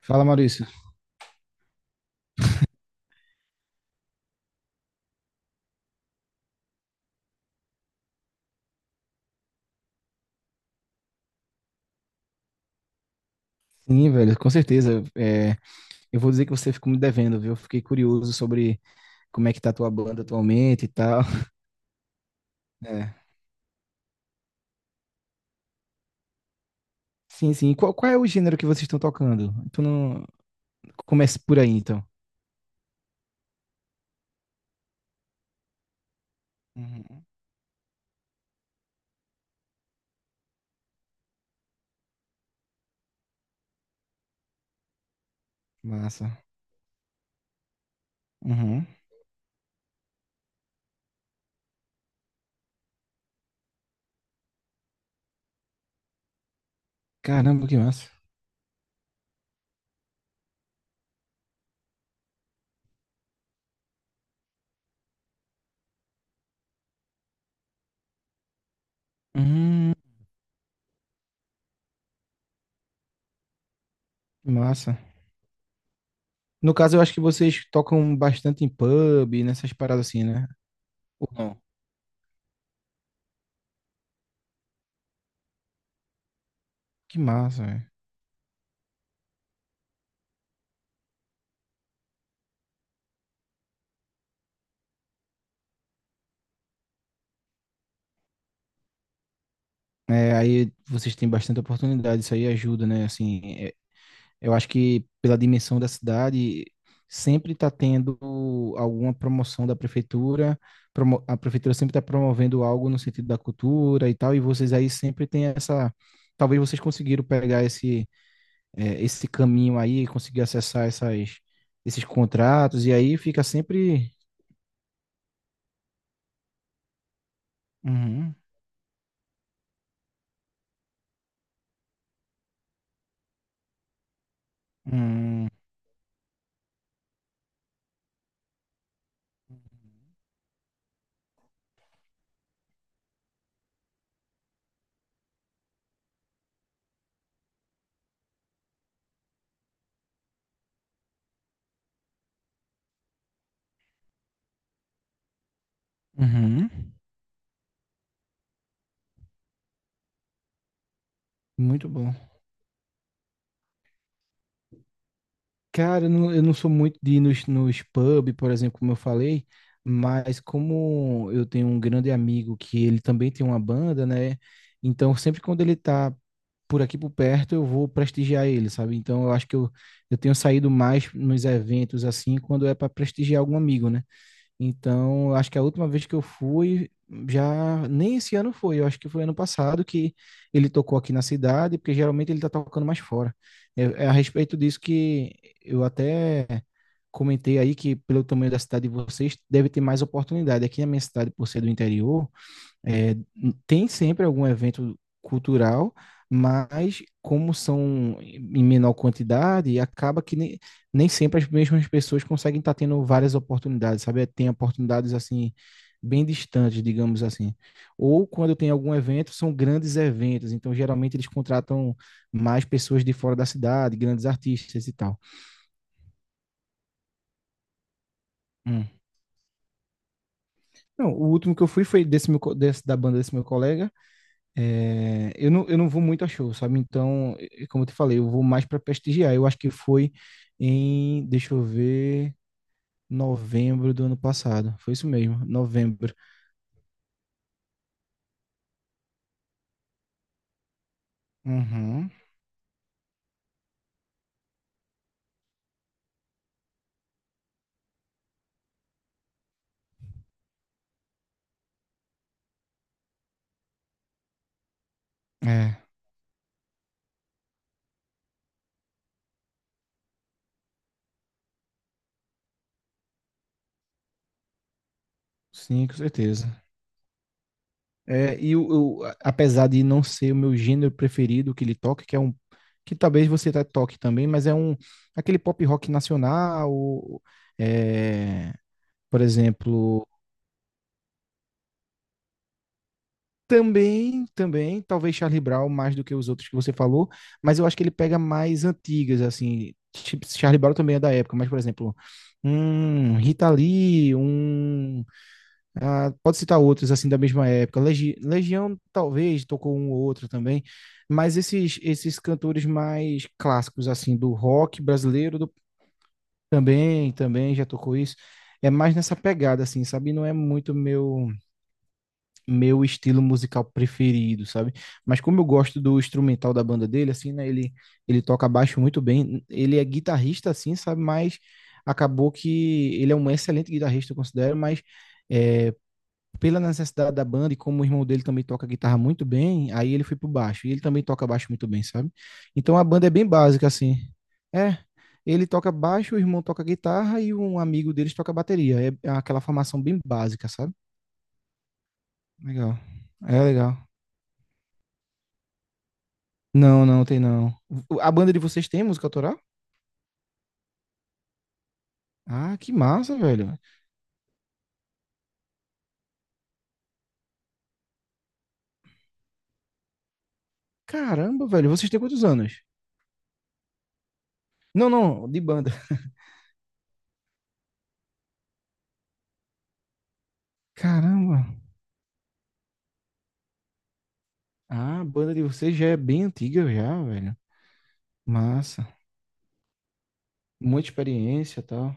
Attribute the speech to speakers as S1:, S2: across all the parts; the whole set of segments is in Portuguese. S1: Fala, Maurício. Sim, velho, com certeza. Eu vou dizer que você ficou me devendo, viu? Fiquei curioso sobre como é que tá a tua banda atualmente e tal. É. Sim. Qual é o gênero que vocês estão tocando? Tu não... Comece por aí, então. Uhum. Massa. Uhum. Caramba, que massa. Uhum. Que massa. No caso, eu acho que vocês tocam bastante em pub, nessas paradas assim, né? Ou não? Que massa, velho. É, aí vocês têm bastante oportunidade, isso aí ajuda, né? Assim, eu acho que pela dimensão da cidade, sempre está tendo alguma promoção da prefeitura, a prefeitura sempre está promovendo algo no sentido da cultura e tal, e vocês aí sempre têm essa. Talvez vocês conseguiram pegar esse, esse caminho aí, conseguir acessar essas, esses contratos, e aí fica sempre. Uhum, uhum, uhum. Muito bom. Cara, eu não sou muito de ir nos pub, por exemplo, como eu falei, mas como eu tenho um grande amigo que ele também tem uma banda, né? Então, sempre quando ele tá por aqui por perto, eu vou prestigiar ele, sabe? Então, eu acho que eu tenho saído mais nos eventos assim, quando é para prestigiar algum amigo, né? Então, acho que a última vez que eu fui, já nem esse ano foi, eu acho que foi ano passado que ele tocou aqui na cidade, porque geralmente ele tá tocando mais fora. É, é a respeito disso que eu até comentei aí que pelo tamanho da cidade de vocês deve ter mais oportunidade. Aqui na minha cidade, por ser do interior, é, tem sempre algum evento cultural, mas como são em menor quantidade, acaba que nem sempre as mesmas pessoas conseguem estar tendo várias oportunidades, sabe? Tem oportunidades assim bem distantes, digamos assim. Ou quando tem algum evento, são grandes eventos, então geralmente eles contratam mais pessoas de fora da cidade, grandes artistas e tal. Hum. Não, o último que eu fui foi desse da banda desse meu colega. É, eu não vou muito a show, sabe? Então, como eu te falei, eu vou mais para prestigiar. Eu acho que foi deixa eu ver, novembro do ano passado. Foi isso mesmo, novembro. Uhum. É, sim, com certeza. É, e apesar de não ser o meu gênero preferido que ele toca, que é um que talvez você até toque também, mas é um aquele pop rock nacional, é, por exemplo. Também, talvez Charlie Brown mais do que os outros que você falou, mas eu acho que ele pega mais antigas, assim. Tipo, Charlie Brown também é da época, mas, por exemplo, um Rita Lee, Ah, pode citar outros, assim, da mesma época. Legião, talvez, tocou um ou outro também, mas esses cantores mais clássicos, assim, do rock brasileiro, também, também já tocou isso. É mais nessa pegada, assim, sabe? Não é muito meu estilo musical preferido, sabe? Mas como eu gosto do instrumental da banda dele, assim, né? Ele toca baixo muito bem. Ele é guitarrista, assim, sabe? Mas acabou que ele é um excelente guitarrista, eu considero, mas é, pela necessidade da banda e como o irmão dele também toca guitarra muito bem, aí ele foi pro baixo. E ele também toca baixo muito bem, sabe? Então a banda é bem básica, assim. É. Ele toca baixo, o irmão toca guitarra e um amigo deles toca bateria. É aquela formação bem básica, sabe? Legal. É legal. Não, não tem não. A banda de vocês tem música autoral? Ah, que massa, velho. Caramba, velho, vocês têm quantos anos? Não, não, de banda. Caramba. Ah, a banda de vocês já é bem antiga já, velho. Massa. Muita experiência e tal.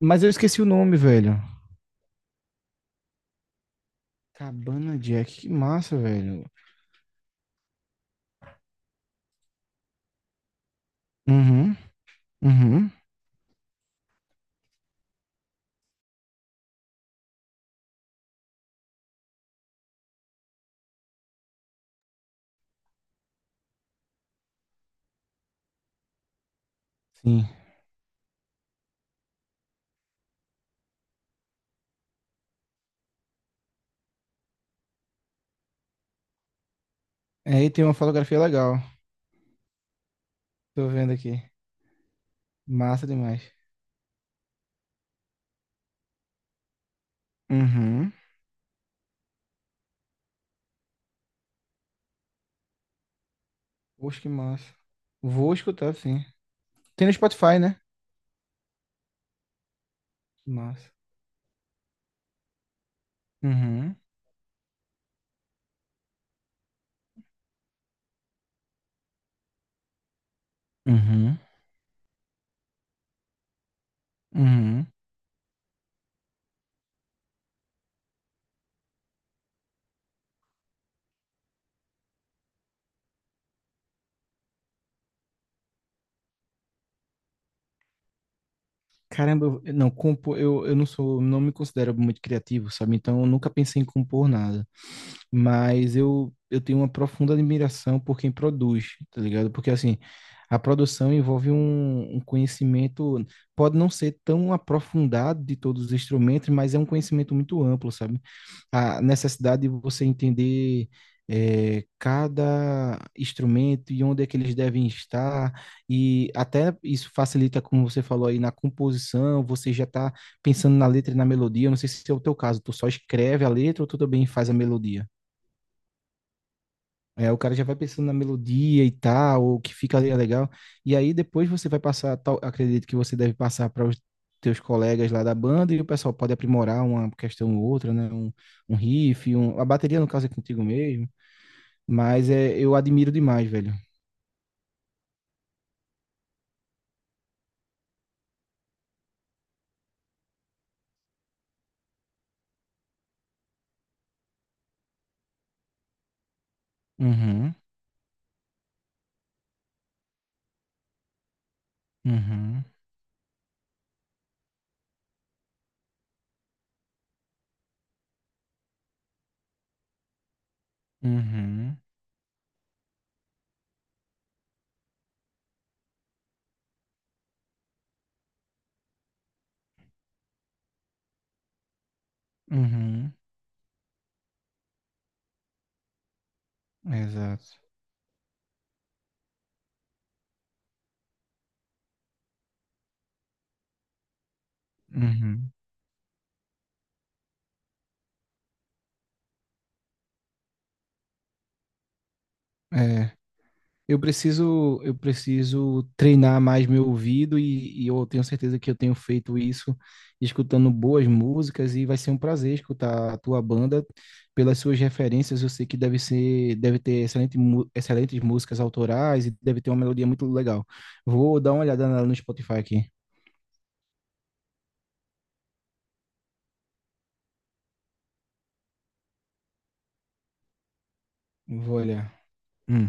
S1: Mas eu esqueci o nome, velho. Cabana Jack, que massa, velho. Uhum, uhum. Sim. Aí tem uma fotografia legal. Tô vendo aqui. Massa demais. Uhum. Poxa, que massa. Vou escutar, sim. Tem no Spotify, né? Massa. Uhum. Uhum, uhum. Caramba, eu não sou, não me considero muito criativo, sabe? Então eu nunca pensei em compor nada. Mas eu tenho uma profunda admiração por quem produz, tá ligado? Porque assim, a produção envolve um conhecimento, pode não ser tão aprofundado de todos os instrumentos, mas é um conhecimento muito amplo, sabe? A necessidade de você entender cada instrumento e onde é que eles devem estar, e até isso facilita, como você falou aí, na composição, você já está pensando na letra e na melodia. Eu não sei se é o teu caso, tu só escreve a letra ou tu também faz a melodia? É, o cara já vai pensando na melodia e tal, o que fica ali é legal. E aí depois você vai passar, acredito que você deve passar para os teus colegas lá da banda e o pessoal pode aprimorar uma questão ou outra, né? Um riff, a bateria no caso é contigo mesmo, mas eu admiro demais, velho. Uhum, uhum, uhum, uhum, exato. Uhum. É. Eu preciso treinar mais meu ouvido e eu tenho certeza que eu tenho feito isso escutando boas músicas e vai ser um prazer escutar a tua banda. Pelas suas referências, eu sei que deve ser, deve ter excelentes músicas autorais e deve ter uma melodia muito legal. Vou dar uma olhada no Spotify aqui. Vou olhar. Hum,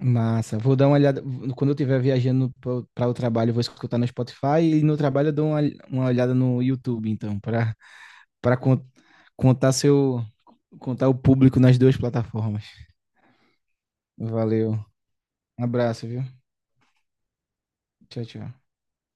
S1: massa. Vou dar uma olhada. Quando eu estiver viajando para o trabalho, eu vou escutar no Spotify e no trabalho eu dou uma olhada no YouTube, então, para contar seu contar o público nas duas plataformas. Valeu. Um abraço, viu? Tchau, tchau.